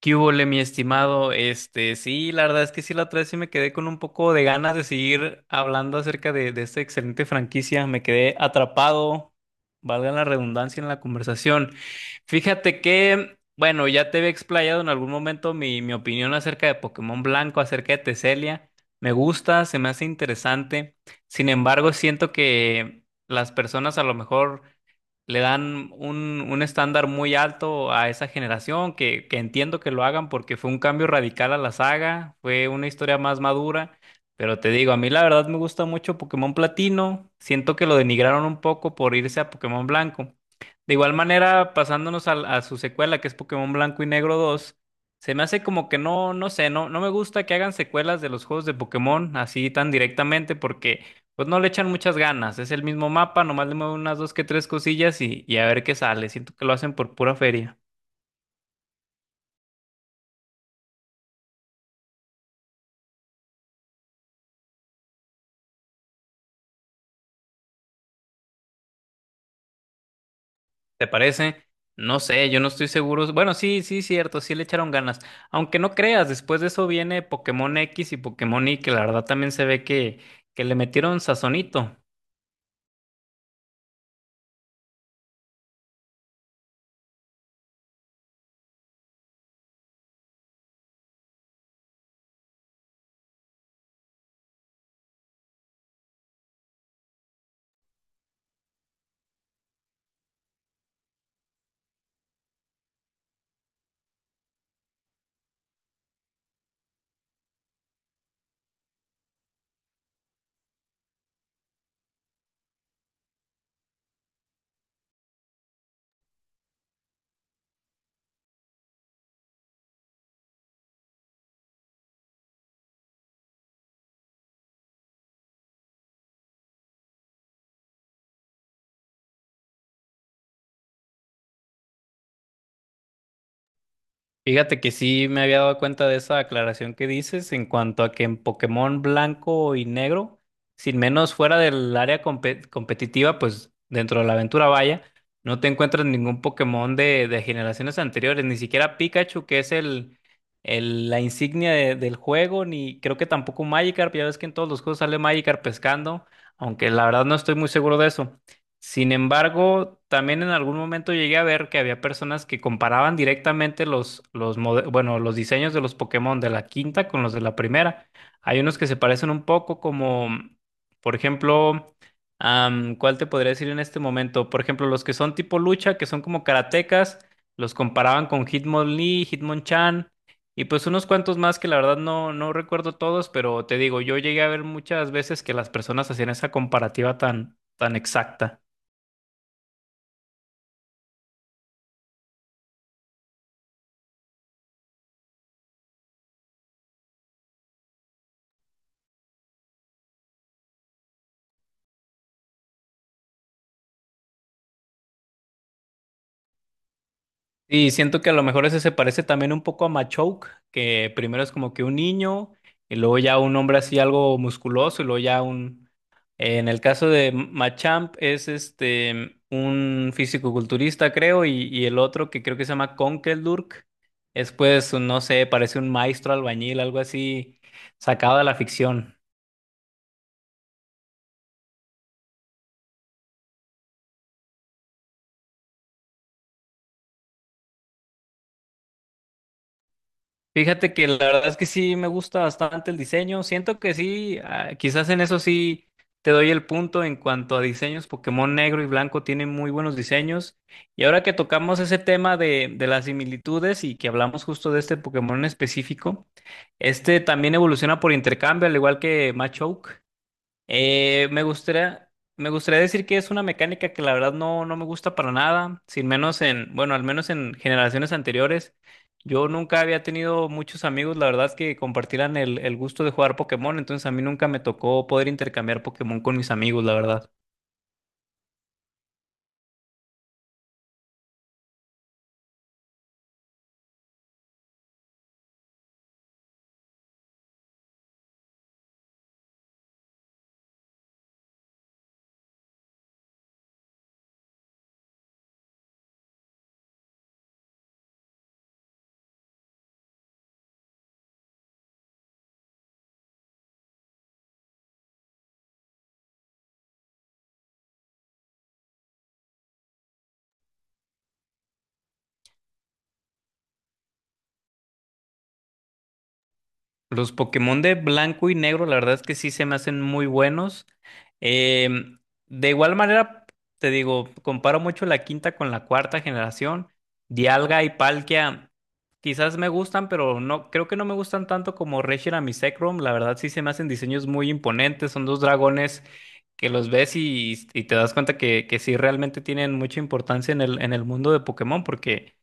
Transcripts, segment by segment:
¿Qué hubole, mi estimado? Sí, la verdad es que sí, la otra vez sí me quedé con un poco de ganas de seguir hablando acerca de esta excelente franquicia. Me quedé atrapado, valga la redundancia en la conversación. Fíjate que, bueno, ya te había explayado en algún momento mi opinión acerca de Pokémon Blanco, acerca de Teselia. Me gusta, se me hace interesante. Sin embargo, siento que las personas a lo mejor le dan un estándar muy alto a esa generación, que entiendo que lo hagan porque fue un cambio radical a la saga, fue una historia más madura, pero te digo, a mí la verdad me gusta mucho Pokémon Platino, siento que lo denigraron un poco por irse a Pokémon Blanco. De igual manera, pasándonos a su secuela, que es Pokémon Blanco y Negro dos. Se me hace como que no, no sé, no, no me gusta que hagan secuelas de los juegos de Pokémon así tan directamente, porque pues no le echan muchas ganas, es el mismo mapa, nomás le mueven unas dos que tres cosillas y a ver qué sale. Siento que lo hacen por pura feria. ¿Te parece? No sé, yo no estoy seguro. Bueno, sí, sí, cierto, sí le echaron ganas. Aunque no creas, después de eso viene Pokémon X y Pokémon Y, que la verdad también se ve que le metieron sazonito. Fíjate que sí me había dado cuenta de esa aclaración que dices en cuanto a que en Pokémon Blanco y Negro, sin menos fuera del área competitiva, pues dentro de la aventura vaya, no te encuentras ningún Pokémon de generaciones anteriores, ni siquiera Pikachu, que es la insignia del juego, ni creo que tampoco Magikarp, ya ves que en todos los juegos sale Magikarp pescando, aunque la verdad no estoy muy seguro de eso. Sin embargo, también en algún momento llegué a ver que había personas que comparaban directamente bueno, los diseños de los Pokémon de la quinta con los de la primera. Hay unos que se parecen un poco como, por ejemplo, ¿cuál te podría decir en este momento? Por ejemplo, los que son tipo lucha, que son como karatecas, los comparaban con Hitmonlee, Hitmonchan y pues unos cuantos más que la verdad no, no recuerdo todos, pero te digo, yo llegué a ver muchas veces que las personas hacían esa comparativa tan, tan exacta. Y siento que a lo mejor ese se parece también un poco a Machoke, que primero es como que un niño, y luego ya un hombre así algo musculoso. En el caso de Machamp es un fisicoculturista, creo, y el otro que creo que se llama Conkeldurk, es pues, no sé, parece un maestro albañil, algo así sacado de la ficción. Fíjate que la verdad es que sí me gusta bastante el diseño. Siento que sí, ah, quizás en eso sí te doy el punto en cuanto a diseños. Pokémon Negro y Blanco tienen muy buenos diseños. Y ahora que tocamos ese tema de las similitudes y que hablamos justo de este Pokémon en específico, este también evoluciona por intercambio, al igual que Machoke. Eh, me gustaría, me gustaría decir que es una mecánica que la verdad no, no me gusta para nada, sin menos en, bueno, al menos en generaciones anteriores. Yo nunca había tenido muchos amigos, la verdad, que compartieran el gusto de jugar Pokémon, entonces a mí nunca me tocó poder intercambiar Pokémon con mis amigos, la verdad. Los Pokémon de Blanco y Negro, la verdad es que sí se me hacen muy buenos. Em, de igual manera, te digo, comparo mucho la quinta con la cuarta generación. Dialga y Palkia. Quizás me gustan, pero no, creo que no me gustan tanto como Reshiram y Zekrom. La verdad sí se me hacen diseños muy imponentes. Son dos dragones que los ves y te das cuenta que sí realmente tienen mucha importancia en el mundo de Pokémon, porque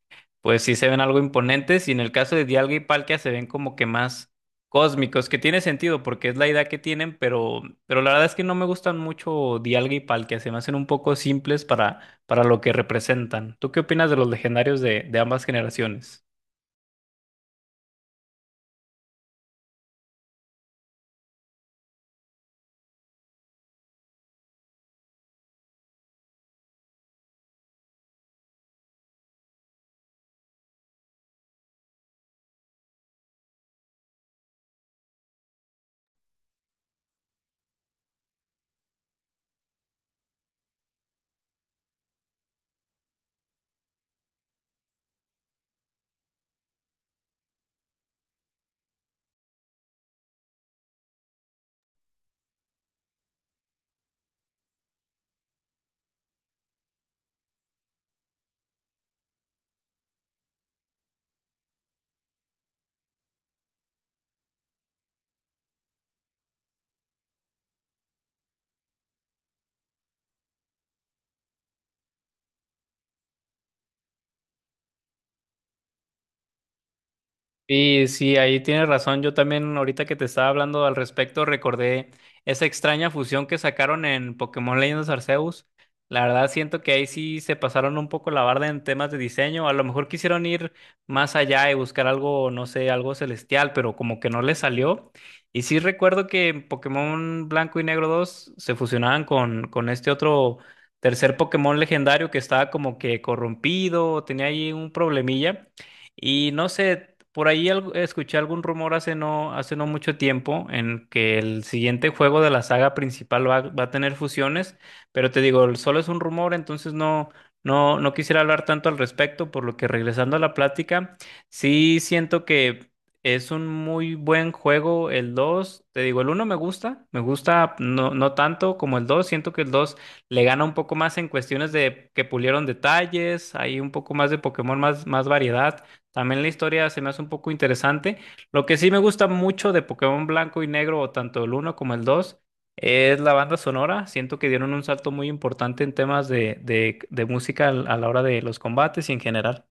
pues sí se ven algo imponentes. Y en el caso de Dialga y Palkia se ven como que más cósmicos, que tiene sentido porque es la idea que tienen, pero la verdad es que no me gustan mucho Dialga y Palkia. Se me hacen un poco simples para lo que representan. ¿Tú qué opinas de los legendarios de ambas generaciones? Y sí, ahí tienes razón. Yo también ahorita que te estaba hablando al respecto, recordé esa extraña fusión que sacaron en Pokémon Legends Arceus. La verdad siento que ahí sí se pasaron un poco la barda en temas de diseño. A lo mejor quisieron ir más allá y buscar algo, no sé, algo celestial, pero como que no les salió. Y sí recuerdo que en Pokémon Blanco y Negro dos se fusionaban con este otro tercer Pokémon legendario que estaba como que corrompido, tenía ahí un problemilla. Y no sé, escuché algún rumor hace no mucho tiempo en que el siguiente juego de la saga principal va a tener fusiones, pero te digo, solo es un rumor, entonces no, no, no quisiera hablar tanto al respecto, por lo que regresando a la plática, sí siento que es un muy buen juego el dos, te digo. El uno me gusta no, no tanto como el dos. Siento que el 2 le gana un poco más en cuestiones de que pulieron detalles, hay un poco más de Pokémon, más variedad. También la historia se me hace un poco interesante. Lo que sí me gusta mucho de Pokémon Blanco y Negro, o tanto el uno como el dos, es la banda sonora. Siento que dieron un salto muy importante en temas de música a la hora de los combates y en general.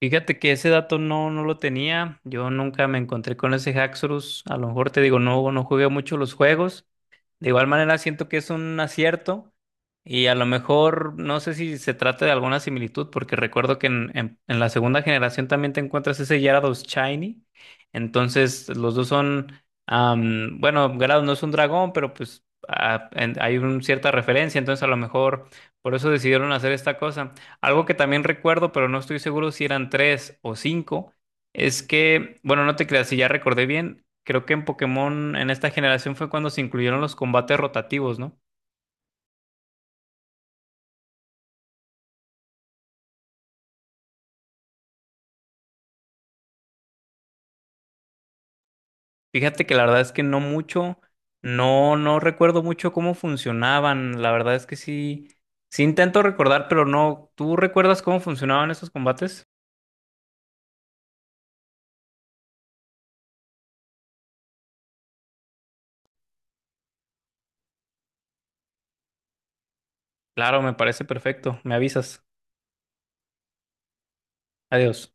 Fíjate que ese dato no, no lo tenía. Yo nunca me encontré con ese Haxorus. A lo mejor te digo, no, no jugué mucho los juegos. De igual manera, siento que es un acierto y a lo mejor no sé si se trata de alguna similitud, porque recuerdo que en la segunda generación también te encuentras ese Gyarados Shiny. Entonces, los dos son, bueno, Gyarados no es un dragón, pero pues ah, hay una cierta referencia, entonces a lo mejor por eso decidieron hacer esta cosa. Algo que también recuerdo, pero no estoy seguro si eran tres o cinco. Es que, bueno, no te creas, si ya recordé bien, creo que en Pokémon en esta generación fue cuando se incluyeron los combates rotativos, ¿no? Fíjate que la verdad es que no mucho, no, no recuerdo mucho cómo funcionaban, la verdad es que sí, sí intento recordar, pero no, ¿tú recuerdas cómo funcionaban esos combates? Claro, me parece perfecto, me avisas, adiós.